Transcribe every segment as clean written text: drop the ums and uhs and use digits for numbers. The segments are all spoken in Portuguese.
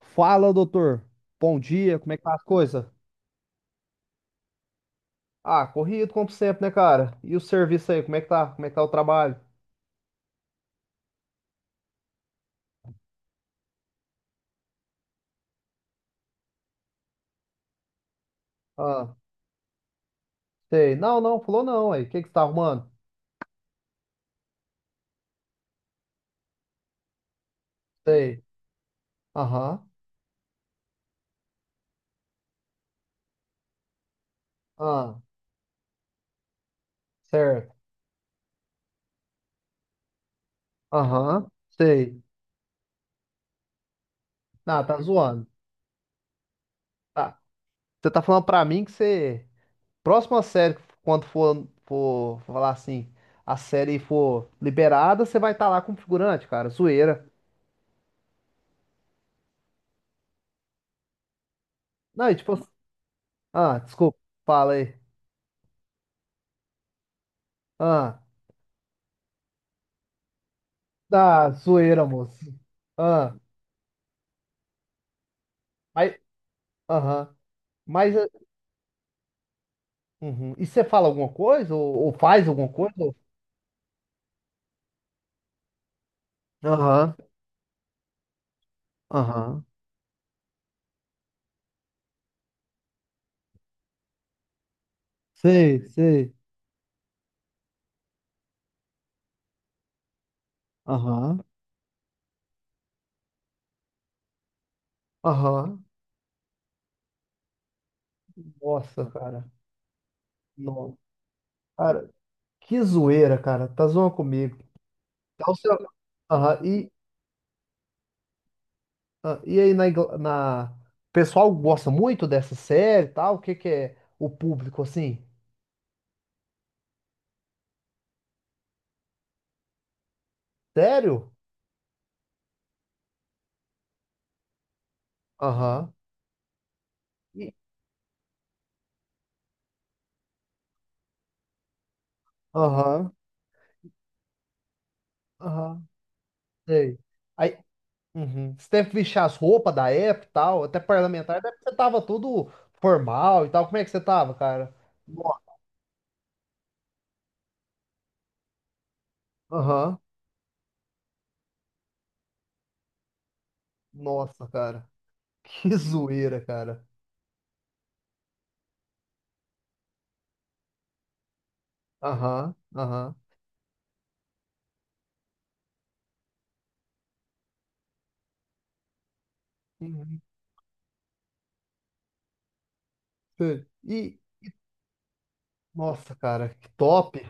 Fala, doutor. Bom dia, como é que tá as coisas? Ah, corrido como sempre, né, cara? E o serviço aí, como é que tá? Como é que tá o trabalho? Ah, sei. Não, falou não aí. O que que você tá arrumando? Sei. Aham. Ah, certo. Aham. Sei. Ah, tá zoando. Tá. Você tá falando pra mim que você. Próxima série, quando for falar assim, a série for liberada, você vai estar lá com o figurante, cara. Zoeira. Não, e tipo. Assim, Ah, desculpa. Fala aí. Ah. Da zoeira, moço. Ah, mas, aham. Mas, uhum. E você fala alguma coisa? Ou faz alguma coisa? Ou- Aham, aham. Sei. Aham, aham. Nossa, cara. Nossa. Cara, que zoeira, cara. Tá zoando comigo. Tá o seu... Aham. E, ah, e aí, na, Ingl- na... O pessoal gosta muito dessa série e tal? O que que é o público, assim? Sério? Aham. E- Aham, aham. Sei. Uhum. Você deve vestir as roupas da época e tal, até parlamentar, deve que você tava todo formal e tal. Como é que você tava, cara? Nossa, aham. Nossa, cara. Que zoeira, cara. Aham. Uhum. Sei. E, nossa, cara, que top.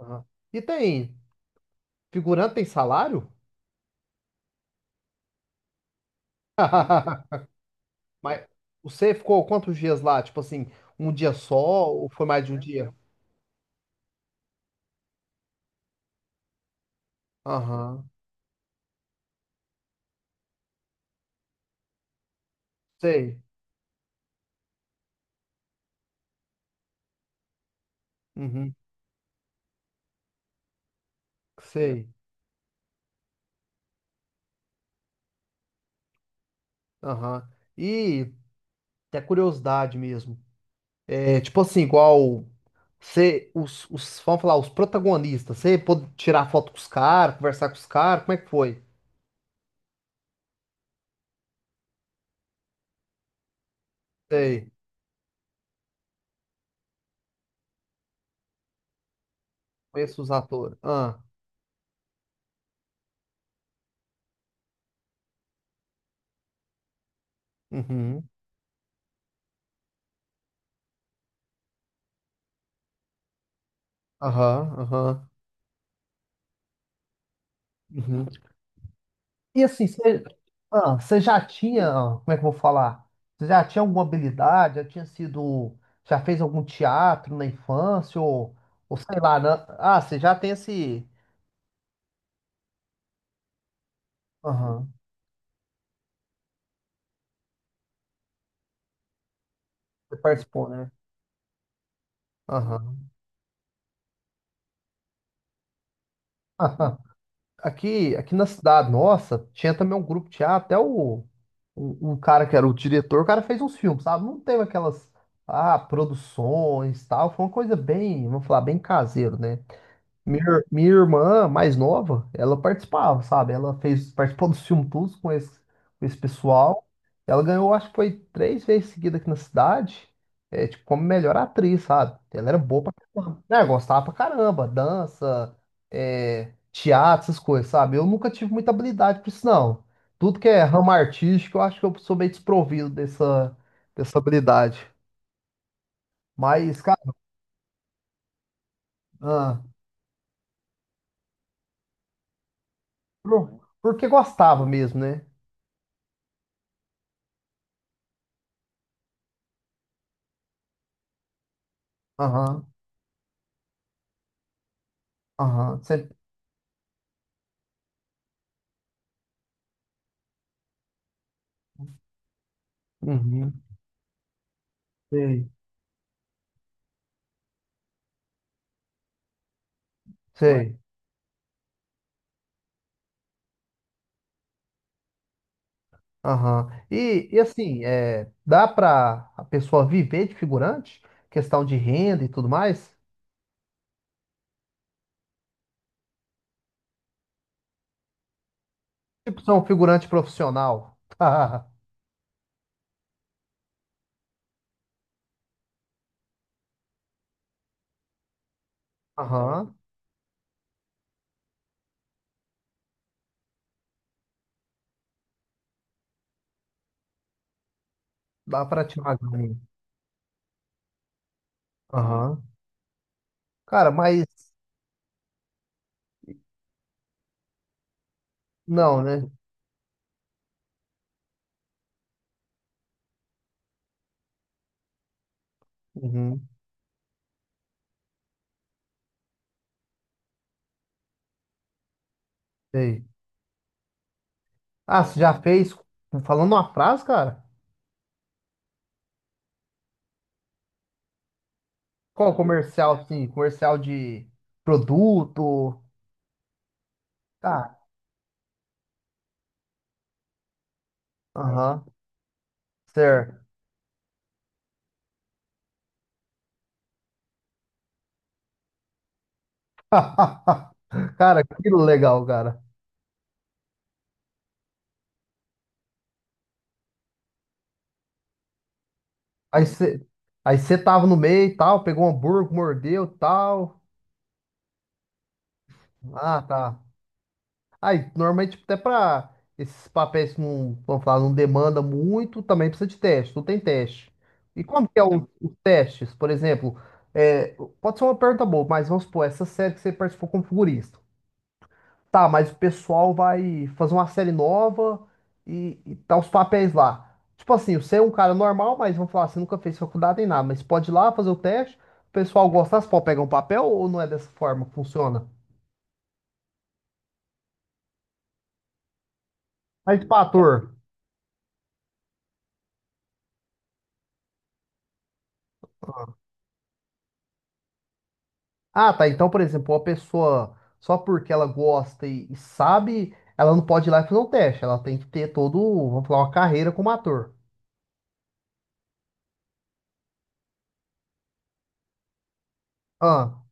Aham. E tem, figurante tem salário? Mas você ficou quantos dias lá? Tipo assim, um dia só ou foi mais de um dia? Aham, sei. Uhum. Sei. Aham. E até curiosidade mesmo. É, tipo assim, igual você, os, vamos falar, os protagonistas, você pôde tirar foto com os caras, conversar com os caras, como é que foi? Sei, conheço os atores. Ah, uhum, aham, uhum. E assim, você, ah, você já tinha, ah, como é que eu vou falar? Você já tinha alguma habilidade, já tinha sido, já fez algum teatro na infância, ou sei lá, né? Ah, você já tem esse, aham, Você participou, né? Aham. Aqui na cidade nossa, tinha também um grupo de teatro, até o, o cara que era o diretor, o cara fez uns filmes, sabe? Não teve aquelas, ah, produções, tal, foi uma coisa bem, vamos falar, bem caseiro, né? Minha, ir- minha irmã mais nova, ela participava, sabe? Ela fez, participou do filme Tudo com esse pessoal. Ela ganhou, acho que foi três vezes seguida aqui na cidade, é, tipo, como melhor atriz, sabe? Ela era boa pra caramba. Né, gostava pra caramba, dança, é, teatro, essas coisas, sabe? Eu nunca tive muita habilidade pra isso, não. Tudo que é ramo artístico, eu acho que eu sou meio desprovido dessa, dessa habilidade. Mas, cara, ah, por- porque gostava mesmo, né? Aham. Aham, você- uhum, sei, sei. Aham. E assim, é, dá para a pessoa viver de figurante? Questão de renda e tudo mais? Tipo, ser um figurante profissional. Aham, dá para tirar ganho. Aham. Cara, mas não, né? Uhum, sei. Ah, você já fez, falando uma frase, cara? Qual comercial, assim, comercial de produto? Tá, aham, certo. Cara, que legal, cara. Aí você aí você tava no meio e tal, pegou um hambúrguer, mordeu tal. Ah, tá. Aí, normalmente, até pra esses papéis que não, vamos falar, não demanda muito, também precisa de teste, tu tem teste. E como que é o- os testes? Por exemplo, é, pode ser uma pergunta boa, mas vamos supor, essa série que você participou como figurista. Tá, mas o pessoal vai fazer uma série nova e tá os papéis lá. Tipo assim, você é um cara normal, mas vamos falar, você nunca fez faculdade nem nada, mas pode ir lá fazer o teste. O pessoal gosta você pode pegar um papel ou não é dessa forma que funciona? Mas tipo ator. Ah, tá. Então, por exemplo, uma pessoa, só porque ela gosta e sabe, ela não pode ir lá e fazer um teste. Ela tem que ter todo, vamos falar, uma carreira como ator. Ah,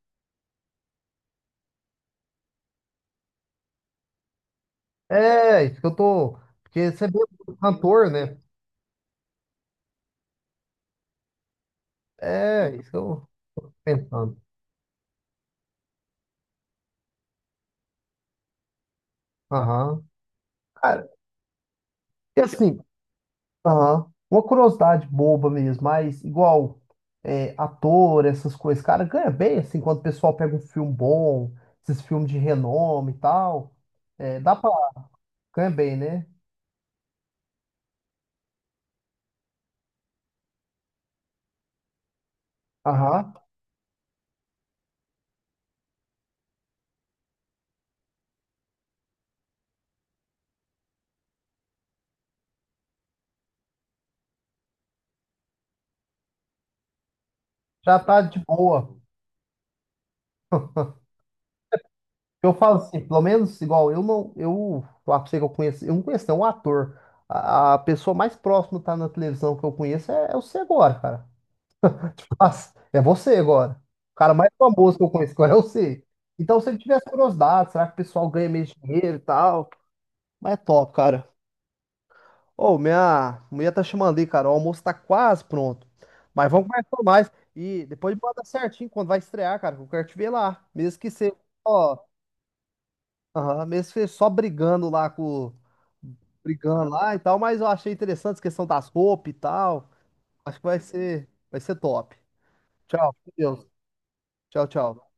é, isso que eu tô. Porque você é meio cantor, né? É, isso que eu tô pensando. Aham. Cara, e assim, aham. Uma curiosidade boba mesmo, mas igual é, ator, essas coisas, cara, ganha bem assim quando o pessoal pega um filme bom, esses filmes de renome e tal. É, dá pra. Ganha bem, né? Aham. Já tá de boa. Eu falo assim, pelo menos igual eu não. Eu falar pra você que eu conheço. Eu não conheço, não, um ator. A pessoa mais próxima que tá na televisão que eu conheço é, é você agora, cara. Nossa, é você agora. O cara mais famoso que eu conheço agora é você. Então, se ele tivesse curiosidade, será que o pessoal ganha mesmo dinheiro e tal? Mas é top, cara. Ô, minha mulher tá chamando ali, cara. O almoço tá quase pronto. Mas vamos conversar mais. E depois me manda certinho quando vai estrear, cara. Que eu quero te ver lá. Mesmo que seja só, aham, mesmo que seja só brigando lá com. Brigando lá e tal. Mas eu achei interessante a questão das roupas e tal. Acho que vai ser top. Tchau, com Deus. Tchau, tchau.